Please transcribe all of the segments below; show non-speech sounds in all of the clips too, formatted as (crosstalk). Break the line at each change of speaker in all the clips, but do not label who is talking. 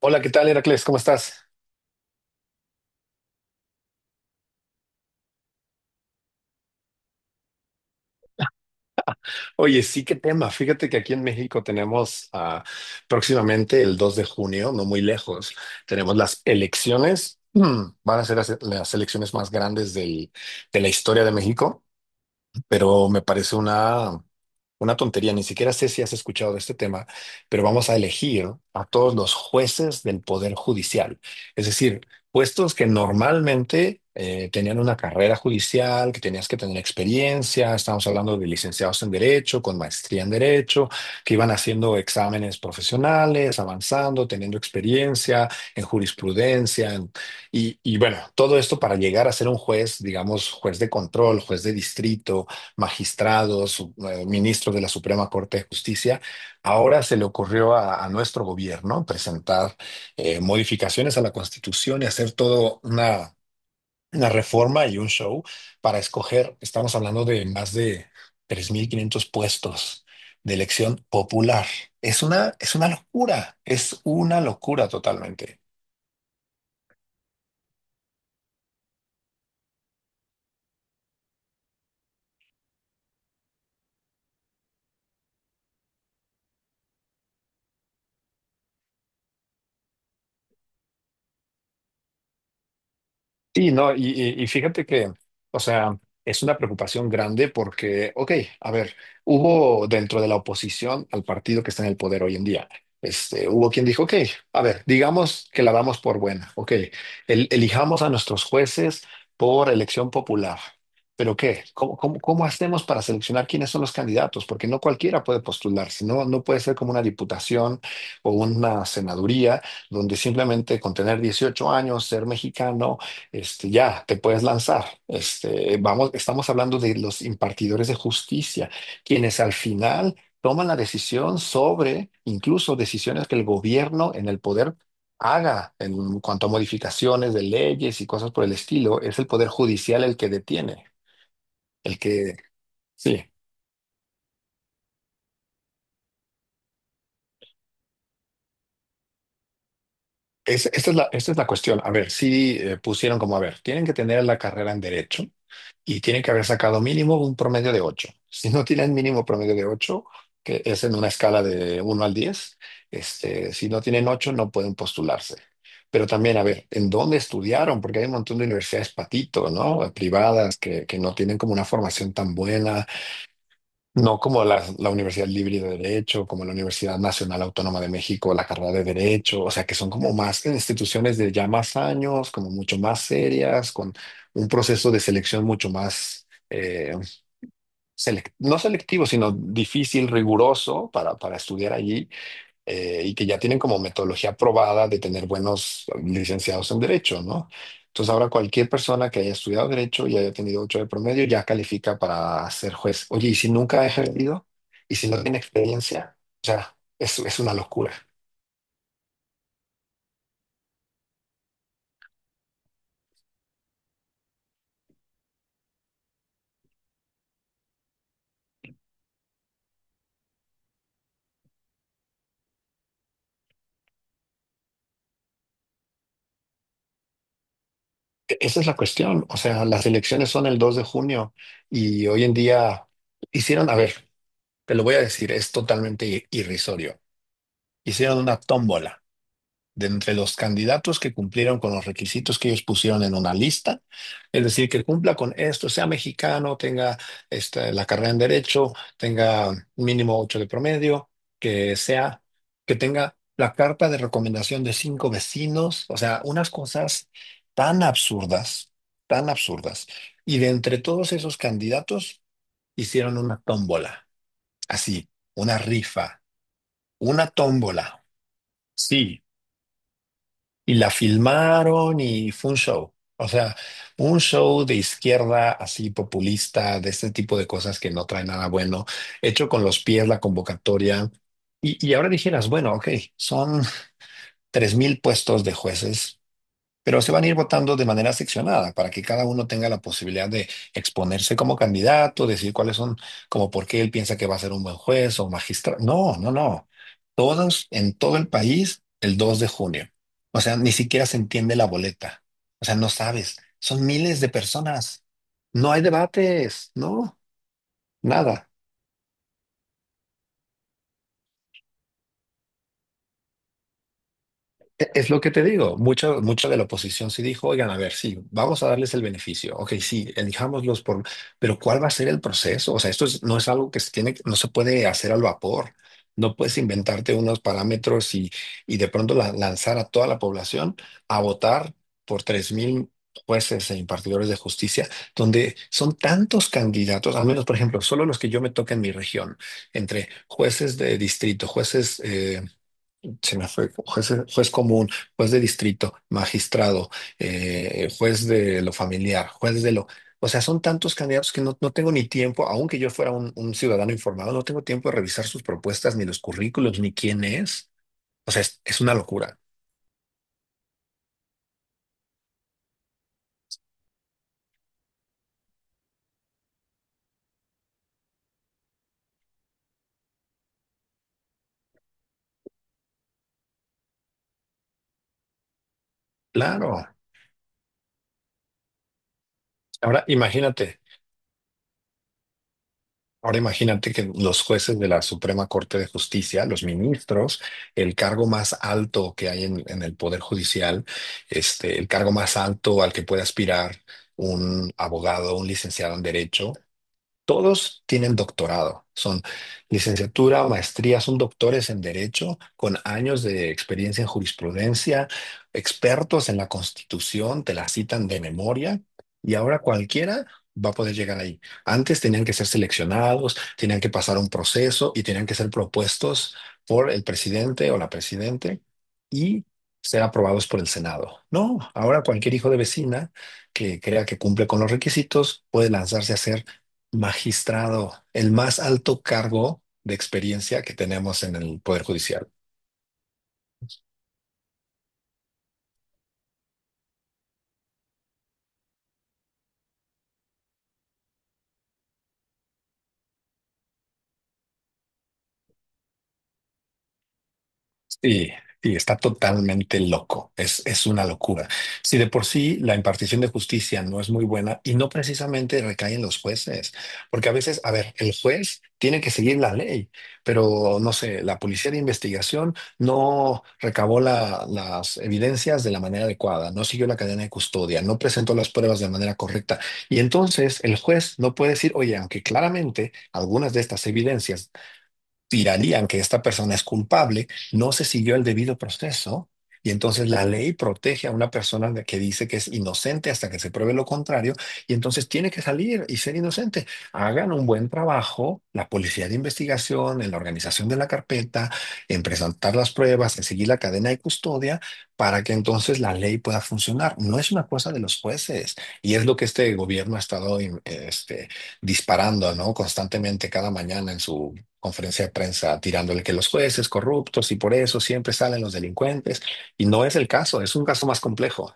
Hola, ¿qué tal, Heracles? ¿Cómo estás? Oye, sí, qué tema. Fíjate que aquí en México tenemos próximamente el 2 de junio, no muy lejos, tenemos las elecciones. (clears throat) Van a ser las elecciones más grandes de la historia de México. Pero me parece una tontería. Ni siquiera sé si has escuchado de este tema, pero vamos a elegir a todos los jueces del Poder Judicial. Es decir, puestos que normalmente tenían una carrera judicial, que tenías que tener experiencia. Estamos hablando de licenciados en Derecho, con maestría en Derecho, que iban haciendo exámenes profesionales, avanzando, teniendo experiencia en jurisprudencia, en y bueno, todo esto para llegar a ser un juez, digamos, juez de control, juez de distrito, magistrados, ministros de la Suprema Corte de Justicia, ahora se le ocurrió a nuestro gobierno presentar modificaciones a la Constitución y hacer todo una reforma y un show para escoger, estamos hablando de más de 3,500 puestos de elección popular. Es una locura, es una locura totalmente. Sí, no, y fíjate que, o sea, es una preocupación grande porque, ok, a ver, hubo dentro de la oposición al partido que está en el poder hoy en día, este, hubo quien dijo, ok, a ver, digamos que la damos por buena, ok, elijamos a nuestros jueces por elección popular, pero ¿qué? ¿Cómo hacemos para seleccionar quiénes son los candidatos? Porque no cualquiera puede postularse, no, no puede ser como una diputación o una senaduría donde simplemente con tener 18 años, ser mexicano, este, ya, te puedes lanzar. Este, vamos, estamos hablando de los impartidores de justicia, quienes al final toman la decisión sobre incluso decisiones que el gobierno en el poder haga en cuanto a modificaciones de leyes y cosas por el estilo. Es el poder judicial el que detiene, el que... Sí. Esta es la cuestión. A ver, si pusieron como, a ver, tienen que tener la carrera en derecho y tienen que haber sacado mínimo un promedio de ocho. (laughs) Si no tienen mínimo promedio de ocho, que es en una escala de uno al diez, este, si no tienen 8 no pueden postularse. Pero también, a ver, ¿en dónde estudiaron? Porque hay un montón de universidades patito, ¿no? Privadas que no tienen como una formación tan buena, no como la Universidad Libre de Derecho, como la Universidad Nacional Autónoma de México, la carrera de Derecho, o sea, que son como más instituciones de ya más años, como mucho más serias, con un proceso de selección mucho más, no selectivo, sino difícil, riguroso para estudiar allí, y que ya tienen como metodología probada de tener buenos licenciados en derecho, ¿no? Entonces ahora cualquier persona que haya estudiado derecho y haya tenido 8 de promedio ya califica para ser juez. Oye, ¿y si nunca ha ejercido? ¿Y si no tiene experiencia? O sea, es una locura. Esa es la cuestión. O sea, las elecciones son el 2 de junio y hoy en día hicieron, a ver, te lo voy a decir, es totalmente irrisorio. Hicieron una tómbola de entre los candidatos que cumplieron con los requisitos que ellos pusieron en una lista, es decir, que cumpla con esto, sea mexicano, tenga este, la carrera en derecho, tenga mínimo 8 de promedio, que sea, que tenga la carta de recomendación de cinco vecinos, o sea, unas cosas tan absurdas, tan absurdas. Y de entre todos esos candidatos hicieron una tómbola, así, una rifa, una tómbola. Sí, y la filmaron y fue un show. O sea, un show de izquierda así populista, de este tipo de cosas que no trae nada bueno, hecho con los pies la convocatoria. Y ahora dijeras, bueno, ok, son 3,000 puestos de jueces, pero se van a ir votando de manera seccionada para que cada uno tenga la posibilidad de exponerse como candidato, decir cuáles son, como por qué él piensa que va a ser un buen juez o magistrado. No, no, no. Todos en todo el país el 2 de junio. O sea, ni siquiera se entiende la boleta. O sea, no sabes. Son miles de personas. No hay debates. No, nada. Es lo que te digo, mucha, mucha de la oposición sí dijo, oigan, a ver, sí, vamos a darles el beneficio, ok, sí, elijámoslos por, pero ¿cuál va a ser el proceso? O sea, no es algo que se tiene, no se puede hacer al vapor, no puedes inventarte unos parámetros y, de pronto lanzar a toda la población a votar por 3,000 jueces e impartidores de justicia, donde son tantos candidatos, al menos, por ejemplo, solo los que yo me toca en mi región, entre jueces de distrito, jueces se me fue juez, juez común, juez de distrito, magistrado, juez de lo familiar, juez de lo... O sea, son tantos candidatos que no, no tengo ni tiempo, aunque yo fuera un ciudadano informado, no tengo tiempo de revisar sus propuestas, ni los currículos, ni quién es. O sea, es una locura. Claro. Ahora, imagínate. Ahora imagínate que los jueces de la Suprema Corte de Justicia, los ministros, el cargo más alto que hay en el Poder Judicial, este, el cargo más alto al que puede aspirar un abogado, un licenciado en Derecho, todos tienen doctorado, son licenciatura, maestría, son doctores en derecho con años de experiencia en jurisprudencia, expertos en la Constitución, te la citan de memoria y ahora cualquiera va a poder llegar ahí. Antes tenían que ser seleccionados, tenían que pasar un proceso y tenían que ser propuestos por el presidente o la presidente y ser aprobados por el Senado. No, ahora cualquier hijo de vecina que crea que cumple con los requisitos puede lanzarse a ser magistrado, el más alto cargo de experiencia que tenemos en el Poder Judicial. Sí, sí, está totalmente loco. Es una locura. Si de por sí la impartición de justicia no es muy buena y no precisamente recae en los jueces, porque a veces, a ver, el juez tiene que seguir la ley, pero no sé, la policía de investigación no recabó las evidencias de la manera adecuada, no siguió la cadena de custodia, no presentó las pruebas de manera correcta. Y entonces el juez no puede decir, oye, aunque claramente algunas de estas evidencias tirarían que esta persona es culpable, no se siguió el debido proceso, y entonces la ley protege a una persona que dice que es inocente hasta que se pruebe lo contrario, y entonces tiene que salir y ser inocente. Hagan un buen trabajo, la policía de investigación, en la organización de la carpeta, en presentar las pruebas, en seguir la cadena de custodia para que entonces la ley pueda funcionar. No es una cosa de los jueces y es lo que este gobierno ha estado este, disparando, ¿no? Constantemente cada mañana en su conferencia de prensa tirándole que los jueces corruptos y por eso siempre salen los delincuentes. Y no es el caso, es un caso más complejo.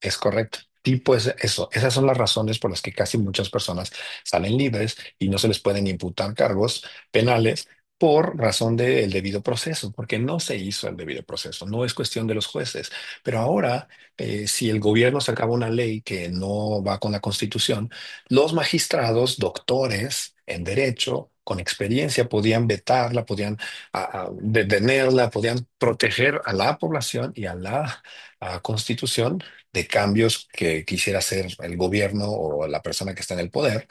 Es correcto. Tipo es eso. Esas son las razones por las que casi muchas personas salen libres y no se les pueden imputar cargos penales por razón del debido proceso, porque no se hizo el debido proceso. No es cuestión de los jueces. Pero ahora, si el gobierno sacaba una ley que no va con la Constitución, los magistrados, doctores en derecho, con experiencia, podían vetarla, podían detenerla, podían proteger a la población y a la Constitución de cambios que quisiera hacer el gobierno o la persona que está en el poder,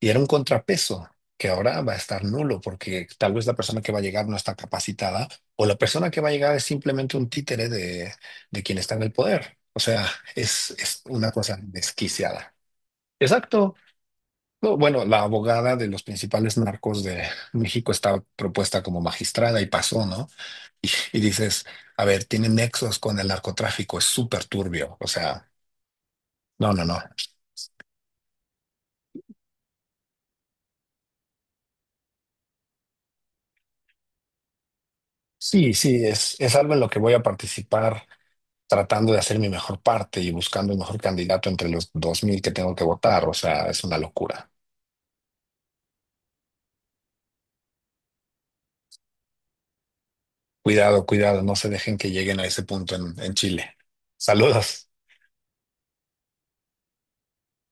y era un contrapeso que ahora va a estar nulo porque tal vez la persona que va a llegar no está capacitada o la persona que va a llegar es simplemente un títere de, quien está en el poder. O sea, es una cosa desquiciada. Exacto. No, bueno, la abogada de los principales narcos de México estaba propuesta como magistrada y pasó, ¿no? Y dices, a ver, tiene nexos con el narcotráfico, es súper turbio. O sea, no, no, no. Sí, sí, es algo en lo que voy a participar tratando de hacer mi mejor parte y buscando el mejor candidato entre los 2,000 que tengo que votar. O sea, es una locura. Cuidado, cuidado, no se dejen que lleguen a ese punto en Chile. Saludos.